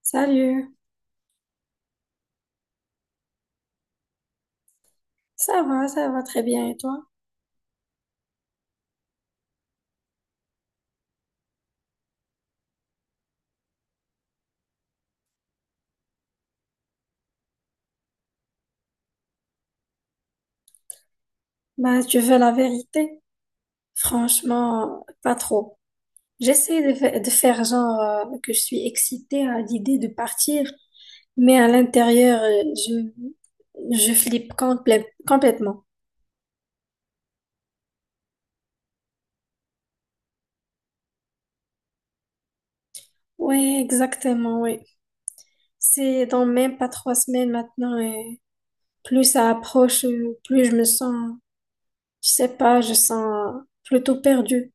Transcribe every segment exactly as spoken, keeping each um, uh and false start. Salut, ça va, ça va très bien et toi? Bah, tu veux la vérité? Franchement, pas trop. J'essaie de, fa- de faire genre euh, que je suis excitée à l'idée de partir, mais à l'intérieur, euh, je, je flippe complè- complètement. Oui, exactement, oui. C'est dans même pas trois semaines maintenant et plus ça approche, euh, plus je me sens, je sais pas, je sens plutôt perdue.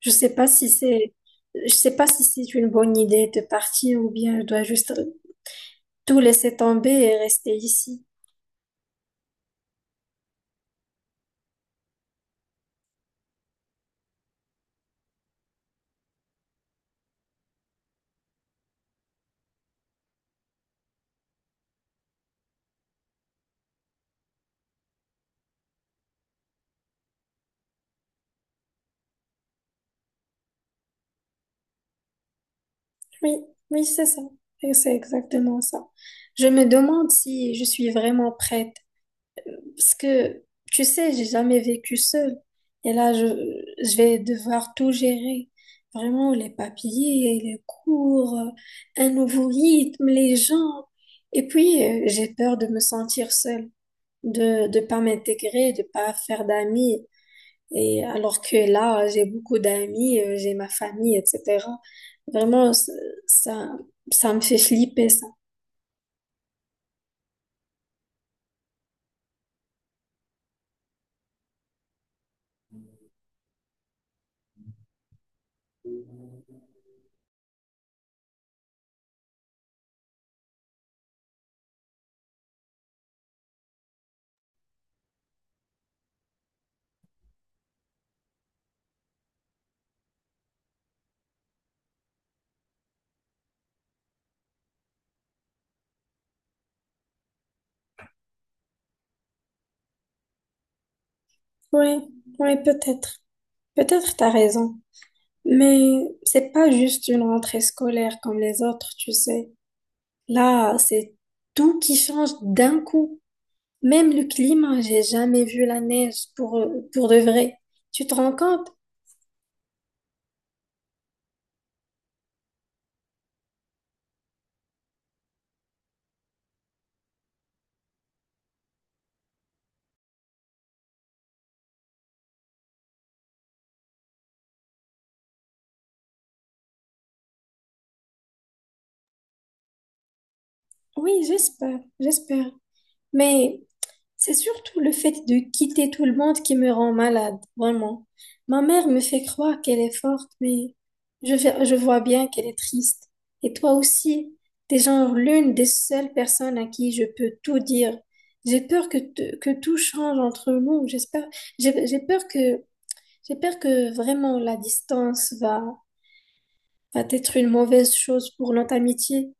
Je sais pas si c'est, je sais pas si c'est une bonne idée de partir ou bien je dois juste tout laisser tomber et rester ici. Oui, oui, c'est ça. Et c'est exactement ça. Je me demande si je suis vraiment prête parce que, tu sais, j'ai jamais vécu seule. Et là, je, je vais devoir tout gérer. Vraiment, les papiers, les cours, euh, un nouveau rythme, les gens. Et puis, euh, j'ai peur de me sentir seule, de de pas m'intégrer, de pas faire d'amis. Et alors que là, j'ai beaucoup d'amis, euh, j'ai ma famille, et cetera. Vraiment, c- ça, ça me fait flipper, ça. Oui, oui, peut-être. Peut-être t'as raison. Mais c'est pas juste une rentrée scolaire comme les autres, tu sais. Là, c'est tout qui change d'un coup. Même le climat, j'ai jamais vu la neige pour, pour de vrai, Tu te rends compte? Oui, j'espère, j'espère. Mais c'est surtout le fait de quitter tout le monde qui me rend malade, vraiment. Ma mère me fait croire qu'elle est forte, mais je, fais- je vois bien qu'elle est triste. Et toi aussi, t'es genre l'une des seules personnes à qui je peux tout dire. J'ai peur que, te- que tout change entre nous. J'espère, j'ai j'ai peur que, j'ai peur que vraiment la distance va, va être une mauvaise chose pour notre amitié.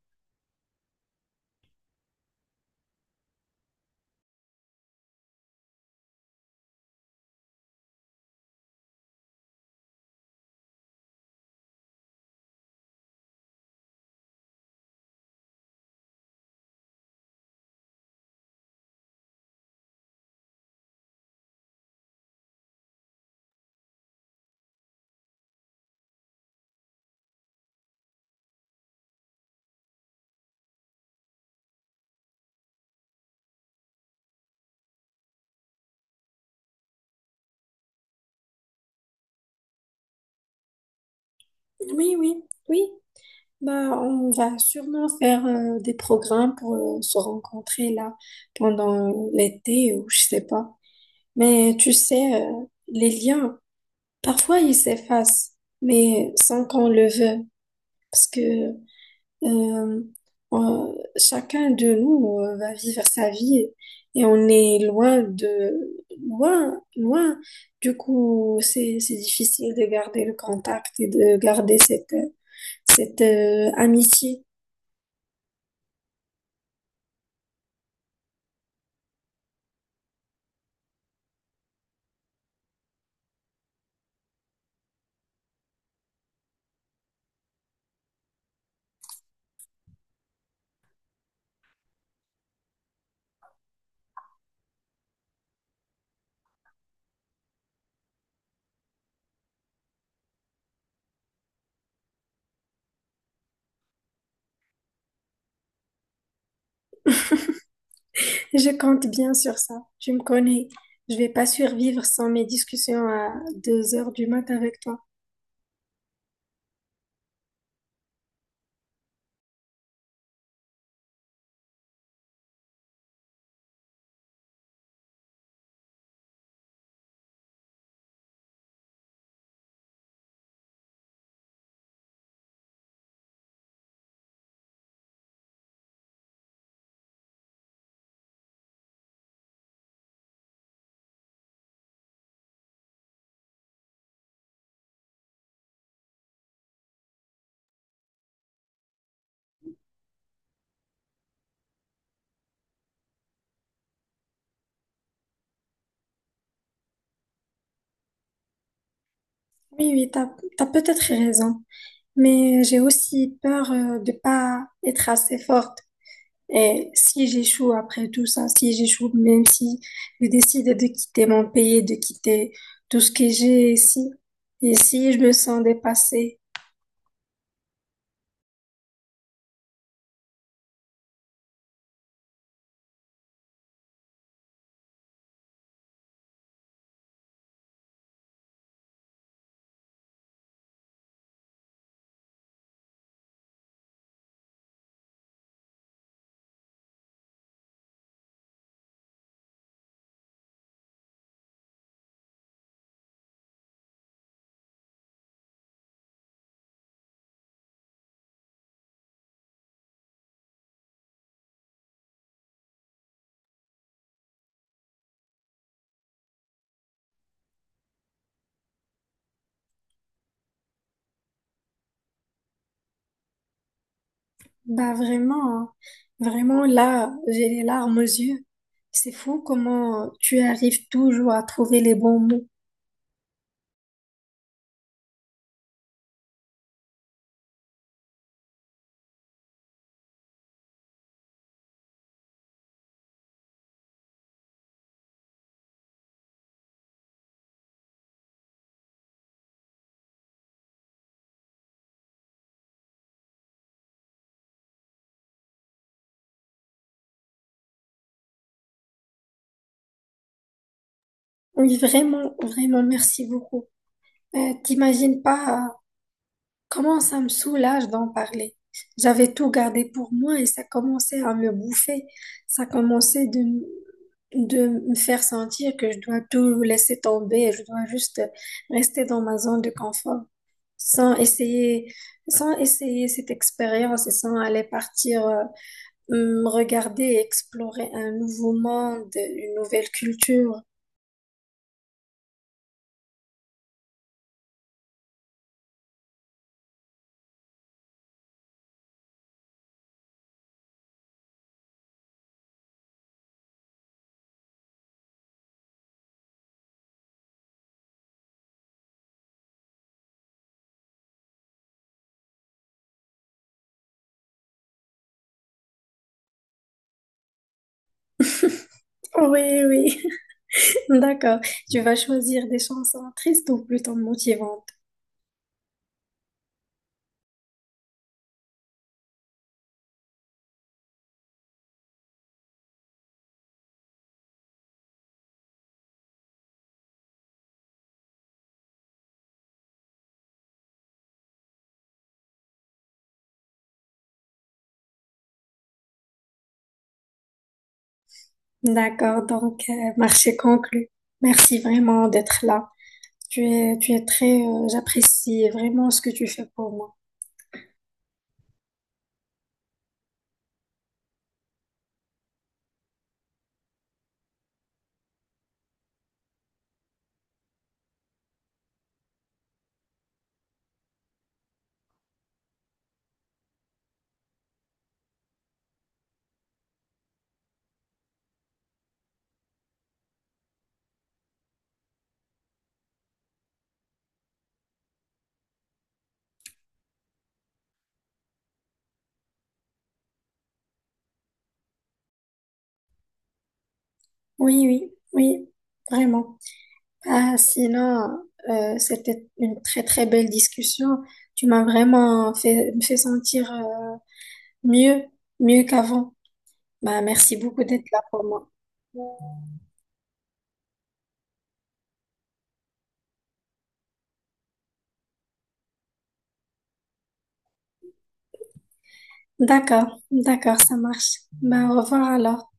Oui, oui, oui. Bah, on va sûrement faire euh, des programmes pour euh, se rencontrer là pendant l'été ou je sais pas. Mais tu sais, euh, les liens, parfois ils s'effacent, mais sans qu'on le veuille, parce que euh, on- chacun de nous euh, va vivre sa vie et on est loin de loin, loin. Du coup, c'est c'est difficile de garder le contact et de garder cette cette euh, amitié. Je compte bien sur ça. Tu me connais. Je vais pas survivre sans mes discussions à deux heures du mat avec toi. Oui, oui, t'as, t'as peut-être raison. Mais j'ai aussi peur euh, de pas être assez forte. Et si j'échoue après tout ça, si j'échoue, même si je décide de quitter mon pays, de quitter tout ce que j'ai ici, et si je me sens dépassée. Bah vraiment, hein, vraiment là, j'ai les larmes aux yeux. C'est fou comment tu arrives toujours à trouver les bons mots. Oui, vraiment, vraiment, merci beaucoup. Euh, t'imagines pas euh, comment ça me soulage d'en parler. J'avais tout gardé pour moi et ça commençait à me bouffer. Ça commençait de, m- De me faire sentir que je dois tout laisser tomber, je dois juste rester dans ma zone de confort. sans essayer, Sans essayer cette expérience et sans aller partir, euh, hum, regarder et explorer un nouveau monde, une nouvelle culture. Oui, oui, d'accord. Tu vas choisir des chansons tristes ou plutôt motivantes. D'accord, donc euh, marché conclu. Merci vraiment d'être là. Tu es, tu es très, euh, j'apprécie vraiment ce que tu fais pour moi. Oui, oui, oui, vraiment. Ah, sinon, euh, c'était une très très belle discussion. Tu m'as vraiment fait, me fait sentir euh, mieux, mieux qu'avant. Bah, merci beaucoup d'être là pour moi. D'accord, d'accord, ça marche. Bah, au revoir alors.